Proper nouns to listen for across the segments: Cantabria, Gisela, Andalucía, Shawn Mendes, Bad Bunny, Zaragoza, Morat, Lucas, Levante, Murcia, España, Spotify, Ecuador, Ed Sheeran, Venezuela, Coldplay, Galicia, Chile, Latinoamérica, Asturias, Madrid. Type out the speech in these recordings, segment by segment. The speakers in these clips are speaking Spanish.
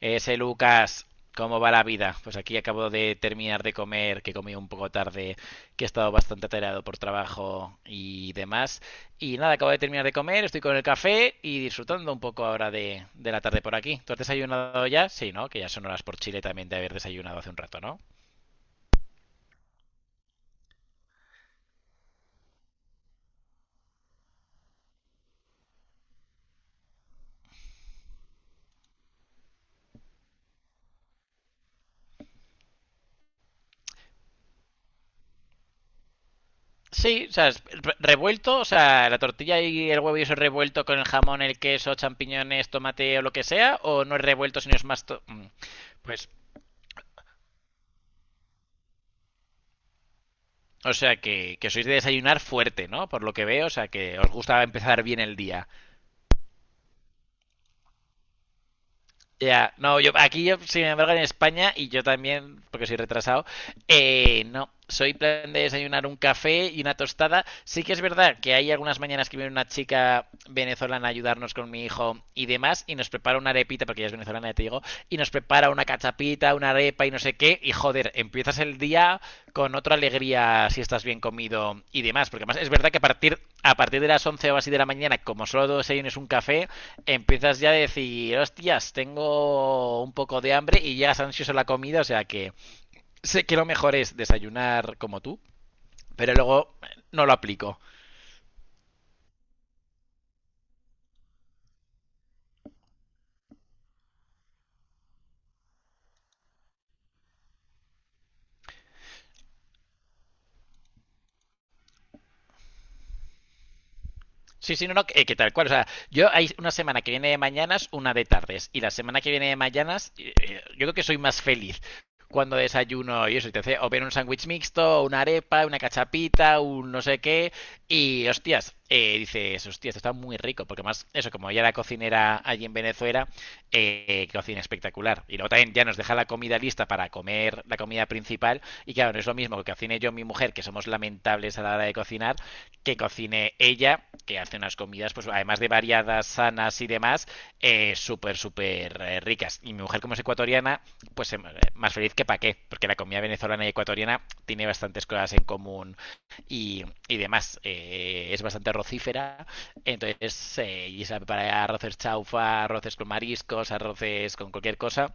Ese Lucas, ¿cómo va la vida? Pues aquí acabo de terminar de comer, que comí un poco tarde, que he estado bastante atareado por trabajo y demás. Y nada, acabo de terminar de comer, estoy con el café y disfrutando un poco ahora de la tarde por aquí. ¿Tú has desayunado ya? Sí, ¿no? Que ya son horas por Chile también de haber desayunado hace un rato, ¿no? Sí, o sea, es revuelto, o sea, la tortilla y el huevo y eso es revuelto con el jamón, el queso, champiñones, tomate o lo que sea, o no es revuelto, sino es más... to- Mm. Pues o sea que sois de desayunar fuerte, ¿no? Por lo que veo, o sea que os gusta empezar bien el día. Ya, no, yo aquí yo, sin embargo, en España, y yo también, porque soy retrasado, no, soy plan de desayunar un café y una tostada. Sí que es verdad que hay algunas mañanas que viene una chica venezolana a ayudarnos con mi hijo y demás, y nos prepara una arepita, porque ella es venezolana, ya te digo, y nos prepara una cachapita, una arepa y no sé qué, y joder, empiezas el día con otra alegría si estás bien comido y demás, porque además es verdad que a partir de las 11 o así de la mañana, como solo desayunes un café, empiezas ya a decir, hostias, tengo un poco de hambre y llegas ansioso a la comida, o sea que sé que lo mejor es desayunar como tú, pero luego no lo aplico. Sí, sí, no, no, que tal cual. O sea, yo hay una semana que viene de mañanas, una de tardes. Y la semana que viene de mañanas, yo creo que soy más feliz cuando desayuno y eso. Y te hace o bien un sándwich mixto, o una arepa, una cachapita, un no sé qué. Y hostias, dices, hostias, esto está muy rico. Porque más, eso, como ella era cocinera allí en Venezuela, cocina espectacular. Y luego también ya nos deja la comida lista para comer la comida principal. Y claro, no es lo mismo que cocine yo y mi mujer, que somos lamentables a la hora de cocinar, que cocine ella, que hace unas comidas, pues además de variadas, sanas y demás, súper, súper ricas. Y mi mujer, como es ecuatoriana, pues más feliz que pa' qué, porque la comida venezolana y ecuatoriana tiene bastantes cosas en común y demás. Es bastante arrocífera, entonces, y sabe preparar arroces chaufa, arroces con mariscos, arroces con cualquier cosa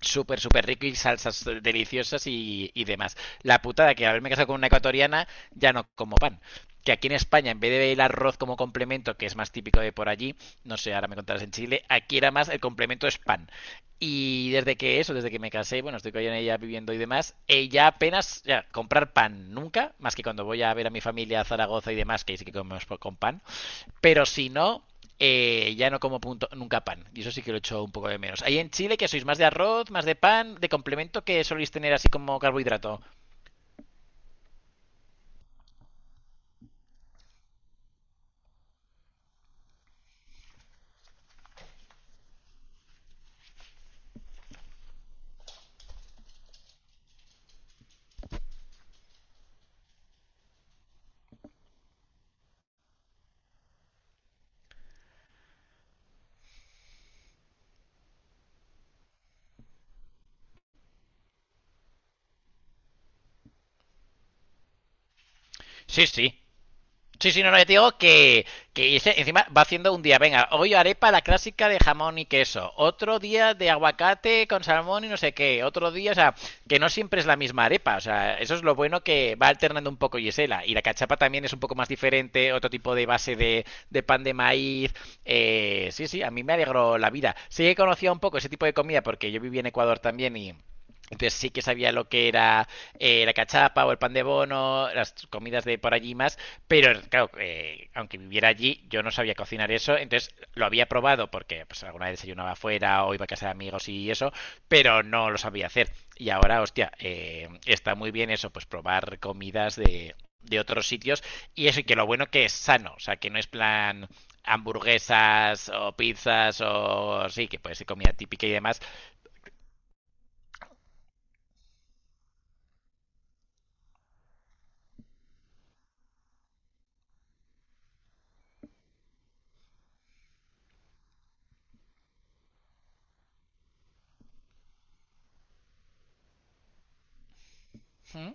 súper, súper rico y salsas deliciosas y demás. La putada que haberme casado con una ecuatoriana ya no como pan, que aquí en España, en vez de el arroz como complemento, que es más típico de por allí, no sé, ahora me contarás en Chile, aquí era más el complemento es pan. Y desde que eso, desde que me casé, bueno, estoy con ella viviendo y demás, ella apenas, ya, comprar pan nunca, más que cuando voy a ver a mi familia a Zaragoza y demás, que ahí sí que comemos con pan, pero si no, ya no como punto, nunca pan, y eso sí que lo echo un poco de menos. Ahí en Chile, que sois más de arroz, más de pan, de complemento que soléis tener así como carbohidrato. Sí, sí. Sí, sí, no, no, yo te digo que ese encima va haciendo un día, venga, hoy arepa la clásica de jamón y queso, otro día de aguacate con salmón y no sé qué, otro día, o sea, que no siempre es la misma arepa, o sea, eso es lo bueno que va alternando un poco Gisela, y la cachapa también es un poco más diferente, otro tipo de de pan de maíz, sí, sí, a mí me alegró la vida. Sí que conocía un poco ese tipo de comida porque yo viví en Ecuador también y... Entonces sí que sabía lo que era la cachapa o el pan de bono, las comidas de por allí más, pero claro, aunque viviera allí, yo no sabía cocinar eso, entonces lo había probado porque pues, alguna vez desayunaba afuera o iba a casa de amigos y eso, pero no lo sabía hacer. Y ahora, hostia, está muy bien eso, pues probar comidas de otros sitios y eso, y que lo bueno que es sano, o sea, que no es plan hamburguesas o pizzas o sí, que puede ser comida típica y demás. Mm.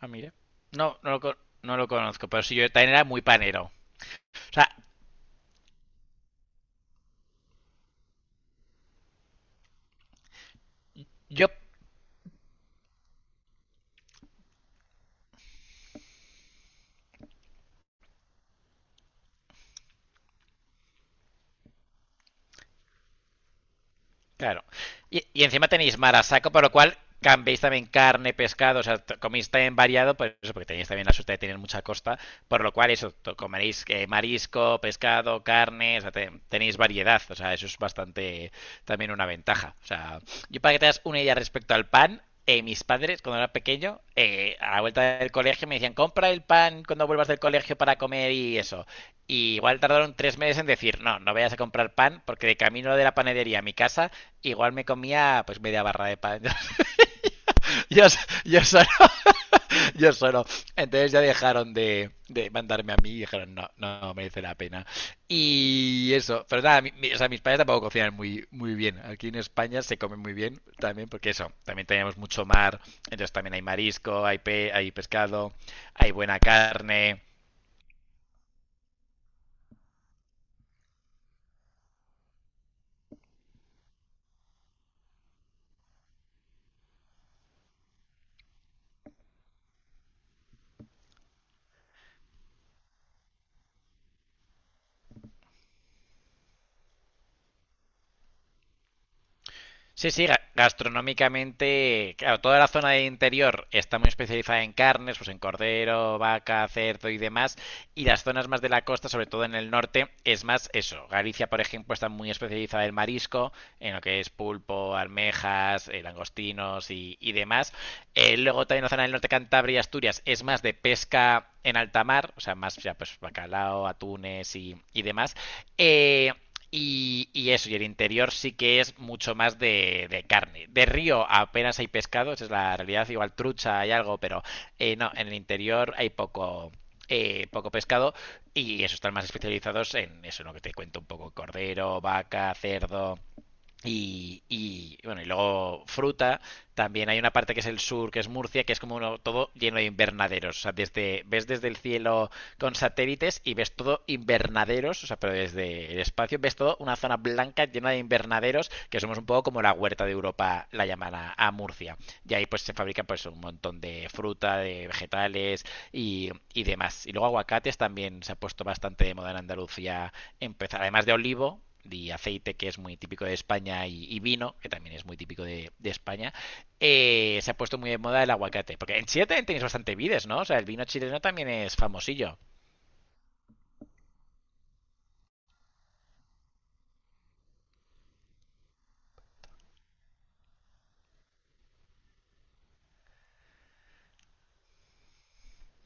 Ah, mira. No, no lo conozco, pero sí, yo también era muy panero. O sea, yo. Claro. Y encima tenéis mar a saco, por lo cual cambiéis también carne, pescado, o sea, coméis también variado, por eso, porque tenéis también la suerte de tener mucha costa, por lo cual eso, comeréis marisco, pescado, carne, o sea, tenéis variedad, o sea, eso es bastante también una ventaja. O sea, yo para que te das una idea respecto al pan, mis padres, cuando era pequeño, a la vuelta del colegio me decían, compra el pan cuando vuelvas del colegio para comer y eso. Y igual tardaron tres meses en decir, no, no vayas a comprar pan, porque de camino de la panadería a mi casa igual me comía pues media barra de pan. Yo, so, yo, solo, yo solo. Entonces ya dejaron de mandarme a mí y dijeron, no, no, no merece la pena. Y eso, pero nada, o sea, mis padres tampoco cocinan muy, muy bien. Aquí en España se come muy bien también, porque eso, también tenemos mucho mar, entonces también hay marisco, hay, pe hay pescado, hay buena carne. Sí, sí, gastronómicamente, claro, toda la zona de interior está muy especializada en carnes, pues en cordero, vaca, cerdo y demás, y las zonas más de la costa, sobre todo en el norte, es más eso. Galicia, por ejemplo, está muy especializada en marisco, en lo que es pulpo, almejas, langostinos y demás. Luego también la zona del norte, Cantabria y Asturias, es más de pesca en alta mar, o sea, más ya pues bacalao, atunes y demás. Eh, eso, y el interior sí que es mucho más de carne. De río apenas hay pescado, esa es la realidad, igual trucha hay algo, pero no, en el interior hay poco, poco pescado y eso están más especializados en eso, en lo que te cuento un poco, cordero, vaca, cerdo, bueno, y luego fruta. También hay una parte que es el sur, que es Murcia, que es como todo lleno de invernaderos. O sea, ves desde el cielo con satélites y ves todo invernaderos, o sea, pero desde el espacio ves todo una zona blanca llena de invernaderos, que somos un poco como la huerta de Europa, la llaman a Murcia. Y ahí pues se fabrican pues un montón de fruta, de vegetales y demás. Y luego aguacates también se ha puesto bastante de moda en Andalucía empezar, además de olivo y aceite, que es muy típico de España, y vino, que también es muy típico de España, se ha puesto muy de moda el aguacate. Porque en Chile también tenéis bastante vides, ¿no? O sea, el vino chileno también es famosillo.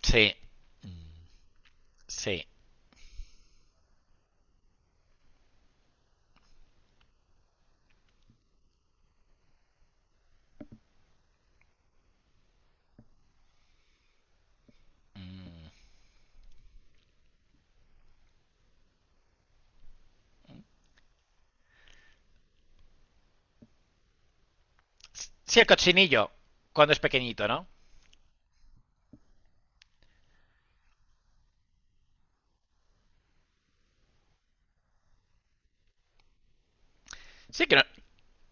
Sí. Sí. Sí, el cochinillo, cuando es pequeñito, ¿no? Sí, que no,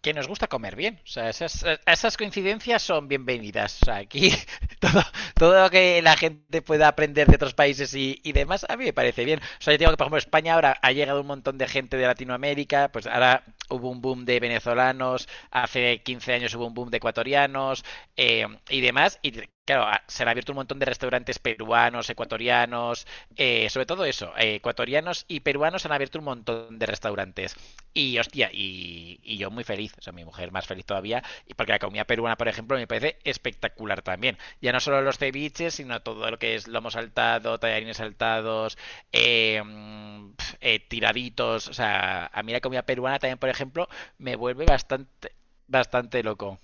que nos gusta comer bien. O sea, esas coincidencias son bienvenidas. O sea, aquí todo, todo lo que la gente pueda aprender de otros países y demás, a mí me parece bien. O sea, yo digo que, por ejemplo, España ahora ha llegado un montón de gente de Latinoamérica, pues ahora hubo un boom de venezolanos, hace 15 años hubo un boom de ecuatorianos y demás, y claro, se han abierto un montón de restaurantes peruanos, ecuatorianos, sobre todo eso, ecuatorianos y peruanos han abierto un montón de restaurantes. Y hostia, y yo muy feliz, o sea, mi mujer más feliz todavía, y porque la comida peruana, por ejemplo, me parece espectacular también. Ya no solo los ceviches, sino todo lo que es lomo saltado, tallarines saltados, tiraditos, o sea, a mí la comida peruana también, por ejemplo, me vuelve bastante, bastante loco.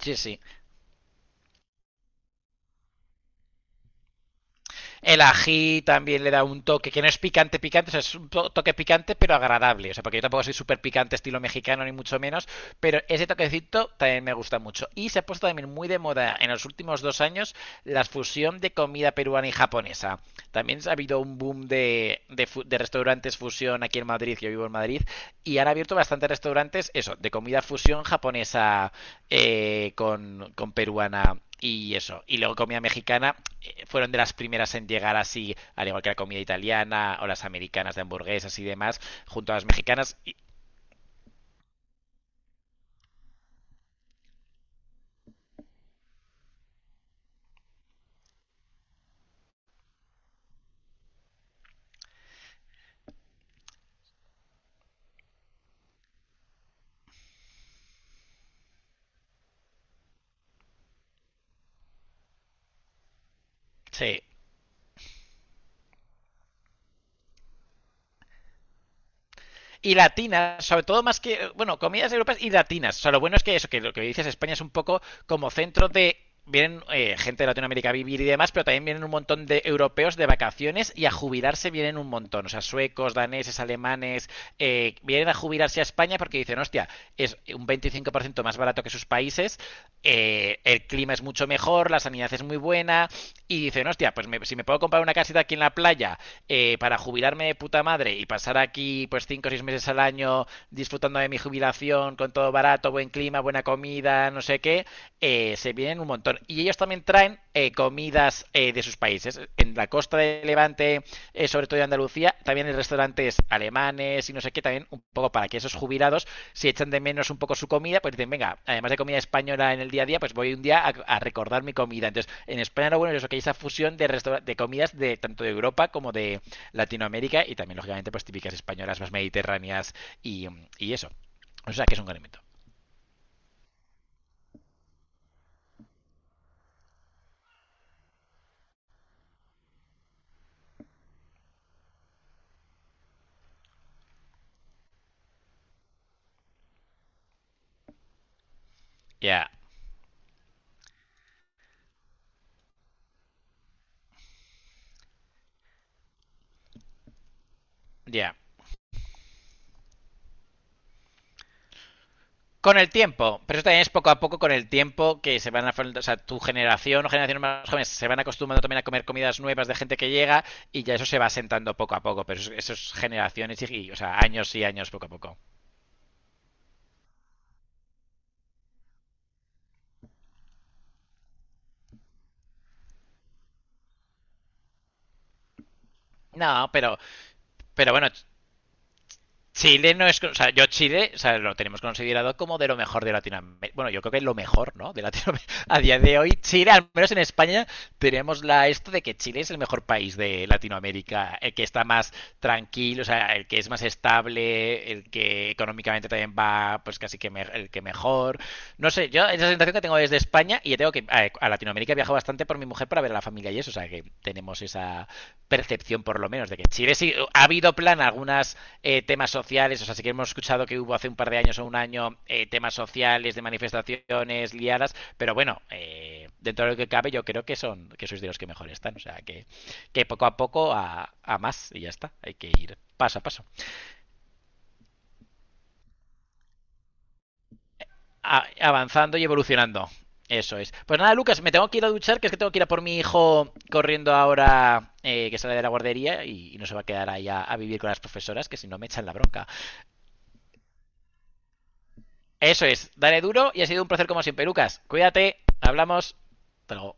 Sí, sí. El ají también le da un toque que no es picante, picante, o sea, es un toque picante pero agradable. O sea, porque yo tampoco soy súper picante estilo mexicano ni mucho menos, pero ese toquecito también me gusta mucho. Y se ha puesto también muy de moda en los últimos dos años la fusión de comida peruana y japonesa. También ha habido un boom de restaurantes fusión aquí en Madrid, yo vivo en Madrid, y han abierto bastantes restaurantes, eso, de comida fusión japonesa con peruana y eso. Y luego comida mexicana fueron de las primeras en llegar así, al igual que la comida italiana o las americanas de hamburguesas y demás, junto a las mexicanas, se y latinas, sobre todo más que, bueno, comidas europeas y latinas. O sea, lo bueno es que eso, que lo que dices, España es un poco como centro de vienen gente de Latinoamérica a vivir y demás, pero también vienen un montón de europeos de vacaciones y a jubilarse vienen un montón. O sea, suecos, daneses, alemanes, vienen a jubilarse a España porque dicen, hostia, es un 25% más barato que sus países, el clima es mucho mejor, la sanidad es muy buena, y dicen, hostia, pues me, si me puedo comprar una casita aquí en la playa para jubilarme de puta madre y pasar aquí pues 5 o 6 meses al año disfrutando de mi jubilación con todo barato, buen clima, buena comida, no sé qué, se vienen un montón. Y ellos también traen comidas de sus países. En la costa de Levante, sobre todo de Andalucía, también hay restaurantes alemanes y no sé qué, también un poco para que esos jubilados si echan de menos un poco su comida, pues dicen, venga, además de comida española en el día a día, pues voy un día a recordar mi comida. Entonces, en España lo bueno es eso, que hay esa fusión de, restaur de comidas de tanto de Europa como de Latinoamérica y también, lógicamente, pues típicas españolas más mediterráneas y, y eso. O sea que es un gran invento. Ya, yeah, ya. Yeah. Con el tiempo, pero eso también es poco a poco con el tiempo que se van a, o sea, tu generación o generaciones más jóvenes se van acostumbrando también a comer comidas nuevas de gente que llega y ya eso se va sentando poco a poco, pero eso es generaciones y, o sea, años y años poco a poco. No, pero bueno, Chile no es. O sea, yo Chile, o sea, lo tenemos considerado como de lo mejor de Latinoamérica. Bueno, yo creo que es lo mejor, ¿no? De Latinoamérica. A día de hoy, Chile, al menos en España, tenemos la esto de que Chile es el mejor país de Latinoamérica, el que está más tranquilo, o sea, el que es más estable, el que económicamente también va, pues casi que me- el que mejor. No sé, yo esa sensación que tengo desde España y ya tengo que a Latinoamérica viajo bastante por mi mujer para ver a la familia y eso, o sea, que tenemos esa percepción por lo menos de que Chile sí ha habido plan algunas temas sociales, o sea, sí que hemos escuchado que hubo hace un par de años o un año temas sociales de manifestaciones liadas, pero bueno, dentro de lo que cabe yo creo que son que sois de los que mejor están, o sea, que poco a poco a más y ya está, hay que ir paso a paso, a- avanzando y evolucionando. Eso es. Pues nada, Lucas, me tengo que ir a duchar, que es que tengo que ir a por mi hijo corriendo ahora que sale de la guardería y no se va a quedar ahí a vivir con las profesoras, que si no me echan la bronca. Eso es, dale duro y ha sido un placer como siempre, Lucas. Cuídate, hablamos, hasta luego.